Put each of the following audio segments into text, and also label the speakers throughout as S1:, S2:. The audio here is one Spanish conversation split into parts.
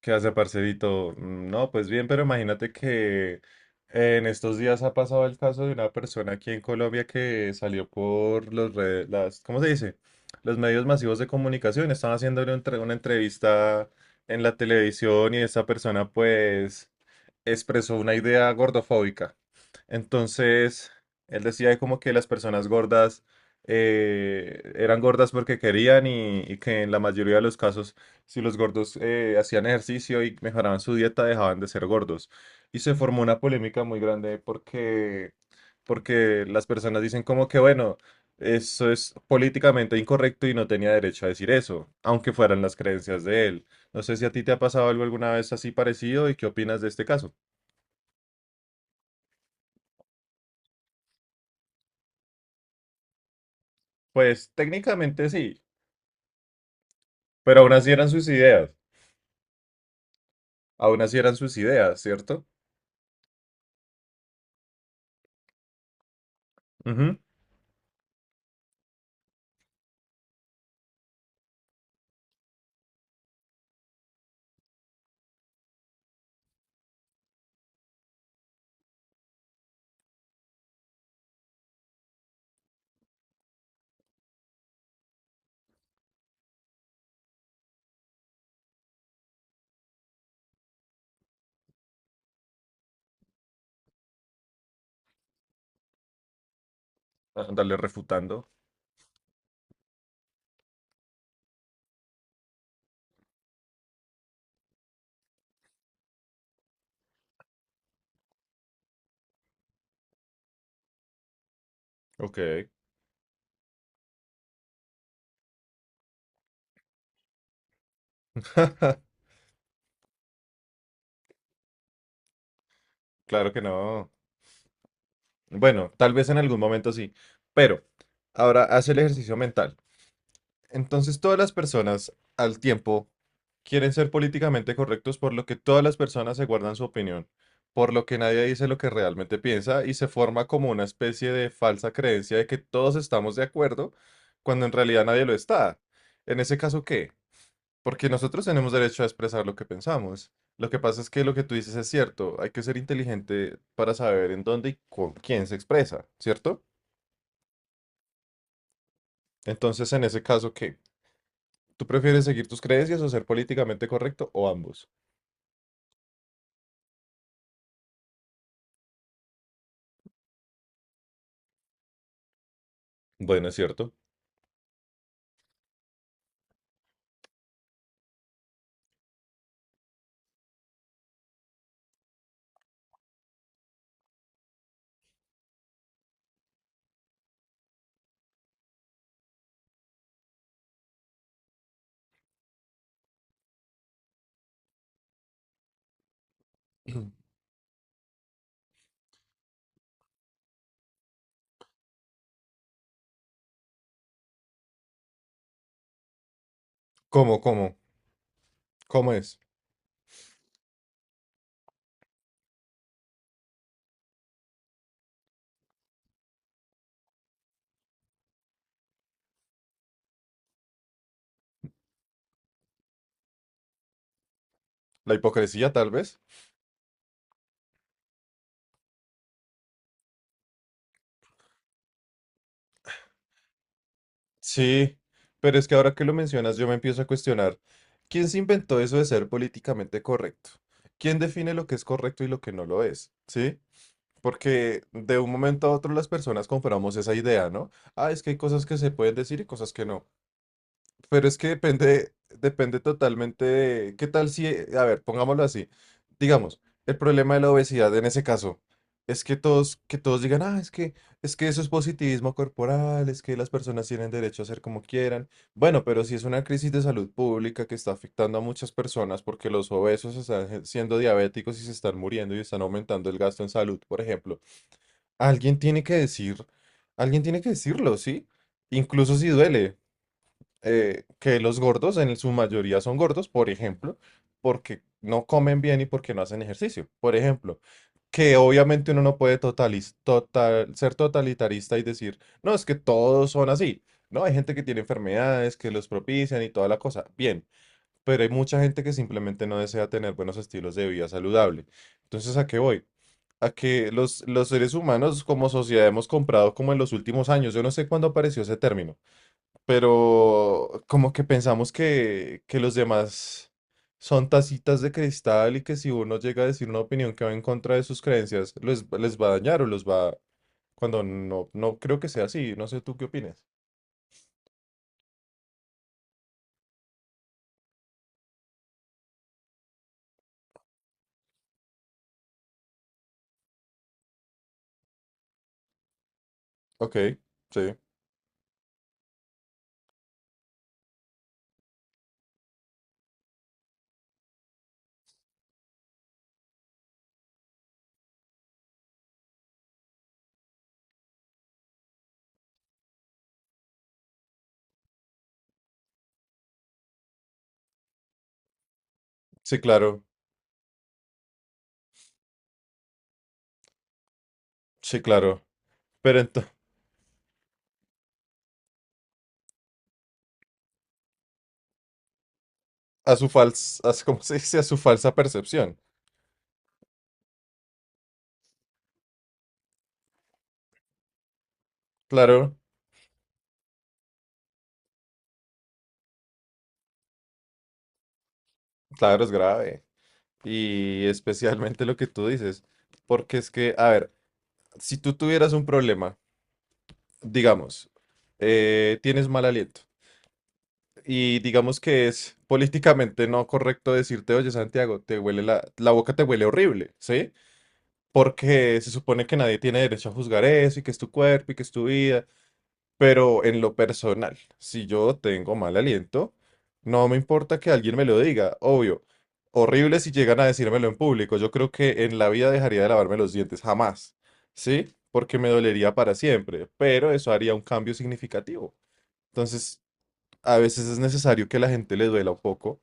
S1: ¿Qué hace, parcerito? Mm, no, pues bien, pero imagínate que en estos días ha pasado el caso de una persona aquí en Colombia que salió por los redes, las, ¿cómo se dice? Los medios masivos de comunicación. Estaban haciéndole una entrevista en la televisión y esta persona, pues, expresó una idea gordofóbica. Entonces, él decía como que las personas gordas eran gordas porque querían y que en la mayoría de los casos, si los gordos hacían ejercicio y mejoraban su dieta, dejaban de ser gordos. Y se formó una polémica muy grande porque las personas dicen como que, bueno, eso es políticamente incorrecto y no tenía derecho a decir eso, aunque fueran las creencias de él. No sé si a ti te ha pasado algo alguna vez así parecido y qué opinas de este caso. Pues técnicamente sí, pero aún así eran sus ideas, aún así eran sus ideas, ¿cierto? Ujú. Ajá. Andarle refutando. Ok. Claro que no. Bueno, tal vez en algún momento sí, pero ahora haz el ejercicio mental. Entonces todas las personas al tiempo quieren ser políticamente correctos por lo que todas las personas se guardan su opinión, por lo que nadie dice lo que realmente piensa y se forma como una especie de falsa creencia de que todos estamos de acuerdo cuando en realidad nadie lo está. En ese caso, ¿qué? Porque nosotros tenemos derecho a expresar lo que pensamos. Lo que pasa es que lo que tú dices es cierto. Hay que ser inteligente para saber en dónde y con quién se expresa, ¿cierto? Entonces, en ese caso, ¿qué? ¿Tú prefieres seguir tus creencias o ser políticamente correcto o ambos? Bueno, es cierto. ¿Cómo? ¿Cómo es? ¿La hipocresía, tal vez? Sí, pero es que ahora que lo mencionas yo me empiezo a cuestionar. ¿Quién se inventó eso de ser políticamente correcto? ¿Quién define lo que es correcto y lo que no lo es? ¿Sí? Porque de un momento a otro las personas compramos esa idea, ¿no? Ah, es que hay cosas que se pueden decir y cosas que no. Pero es que depende totalmente de, ¿qué tal si, a ver, pongámoslo así. Digamos, el problema de la obesidad en ese caso es que que todos digan, ah, es que eso es positivismo corporal, es que las personas tienen derecho a hacer como quieran. Bueno, pero si es una crisis de salud pública que está afectando a muchas personas porque los obesos están siendo diabéticos y se están muriendo y están aumentando el gasto en salud, por ejemplo. Alguien tiene que decir, alguien tiene que decirlo, ¿sí? Incluso si duele, que los gordos en su mayoría son gordos, por ejemplo, porque no comen bien y porque no hacen ejercicio, por ejemplo, que obviamente uno no puede ser totalitarista y decir, no, es que todos son así, ¿no? Hay gente que tiene enfermedades que los propician y toda la cosa, bien pero hay mucha gente que simplemente no desea tener buenos estilos de vida saludable. Entonces, ¿a qué voy? A que los seres humanos como sociedad hemos comprado como en los últimos años, yo no sé cuándo apareció ese término, pero como que pensamos que los demás son tacitas de cristal y que si uno llega a decir una opinión que va en contra de sus creencias, les va a dañar o los va. Cuando no, no creo que sea así, no sé tú qué opinas. Ok, sí, sí, claro, sí, claro. Pero entonces. A su falsa, ¿cómo se dice? A su falsa percepción. Claro, claro, es grave. Y especialmente lo que tú dices, porque es que, a ver, si tú tuvieras un problema, digamos, tienes mal aliento y digamos que es políticamente no correcto decirte, oye, Santiago, te huele la boca te huele horrible, ¿sí? Porque se supone que nadie tiene derecho a juzgar eso y que es tu cuerpo y que es tu vida. Pero en lo personal, si yo tengo mal aliento, no me importa que alguien me lo diga, obvio. Horrible si llegan a decírmelo en público. Yo creo que en la vida dejaría de lavarme los dientes, jamás. ¿Sí? Porque me dolería para siempre, pero eso haría un cambio significativo. Entonces, a veces es necesario que la gente le duela un poco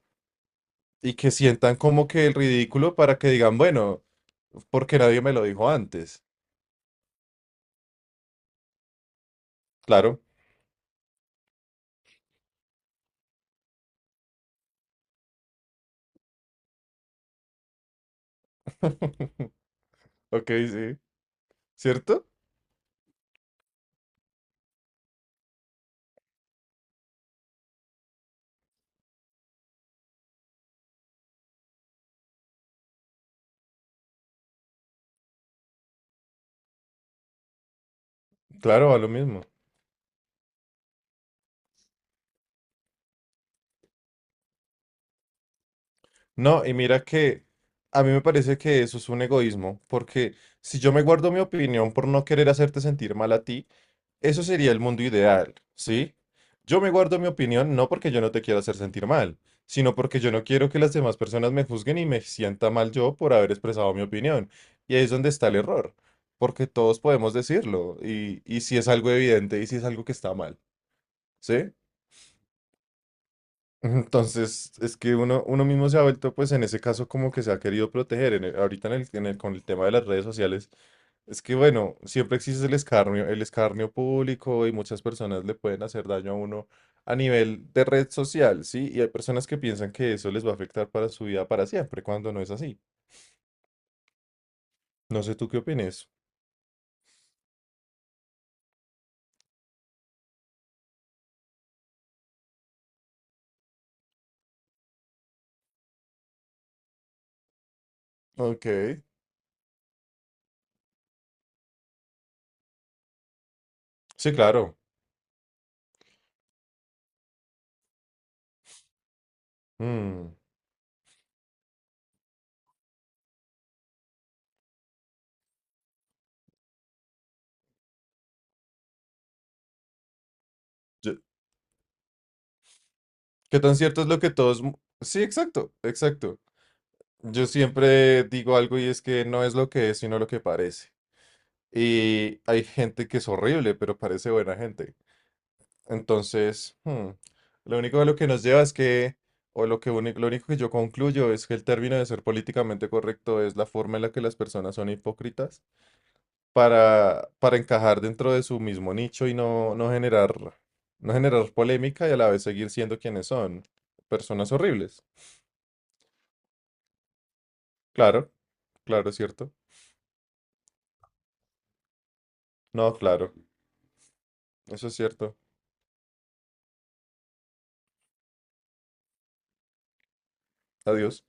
S1: y que sientan como que el ridículo para que digan, bueno, porque nadie me lo dijo antes. Claro, ok, sí, ¿cierto? Claro, a lo mismo. No, y mira que a mí me parece que eso es un egoísmo, porque si yo me guardo mi opinión por no querer hacerte sentir mal a ti, eso sería el mundo ideal, ¿sí? Yo me guardo mi opinión no porque yo no te quiera hacer sentir mal, sino porque yo no quiero que las demás personas me juzguen y me sienta mal yo por haber expresado mi opinión. Y ahí es donde está el error, porque todos podemos decirlo, y si es algo evidente y si es algo que está mal, ¿sí? Entonces, es que uno mismo se ha vuelto, pues en ese caso, como que se ha querido proteger. Ahorita con el tema de las redes sociales, es que bueno, siempre existe el escarnio público y muchas personas le pueden hacer daño a uno a nivel de red social, ¿sí? Y hay personas que piensan que eso les va a afectar para su vida para siempre, cuando no es así. No sé tú qué opines. Ok. Sí, claro. Mm, yo- ¿Qué tan cierto es lo que todos. Sí, exacto, exacto. Yo siempre digo algo y es que no es lo que es, sino lo que parece. Y hay gente que es horrible, pero parece buena gente. Entonces, lo único de lo que nos lleva es que, o lo que lo único que yo concluyo es que el término de ser políticamente correcto es la forma en la que las personas son hipócritas para encajar dentro de su mismo nicho y no generar polémica y a la vez seguir siendo quienes son, personas horribles. Claro, claro, es cierto. No, claro, eso es cierto. Adiós.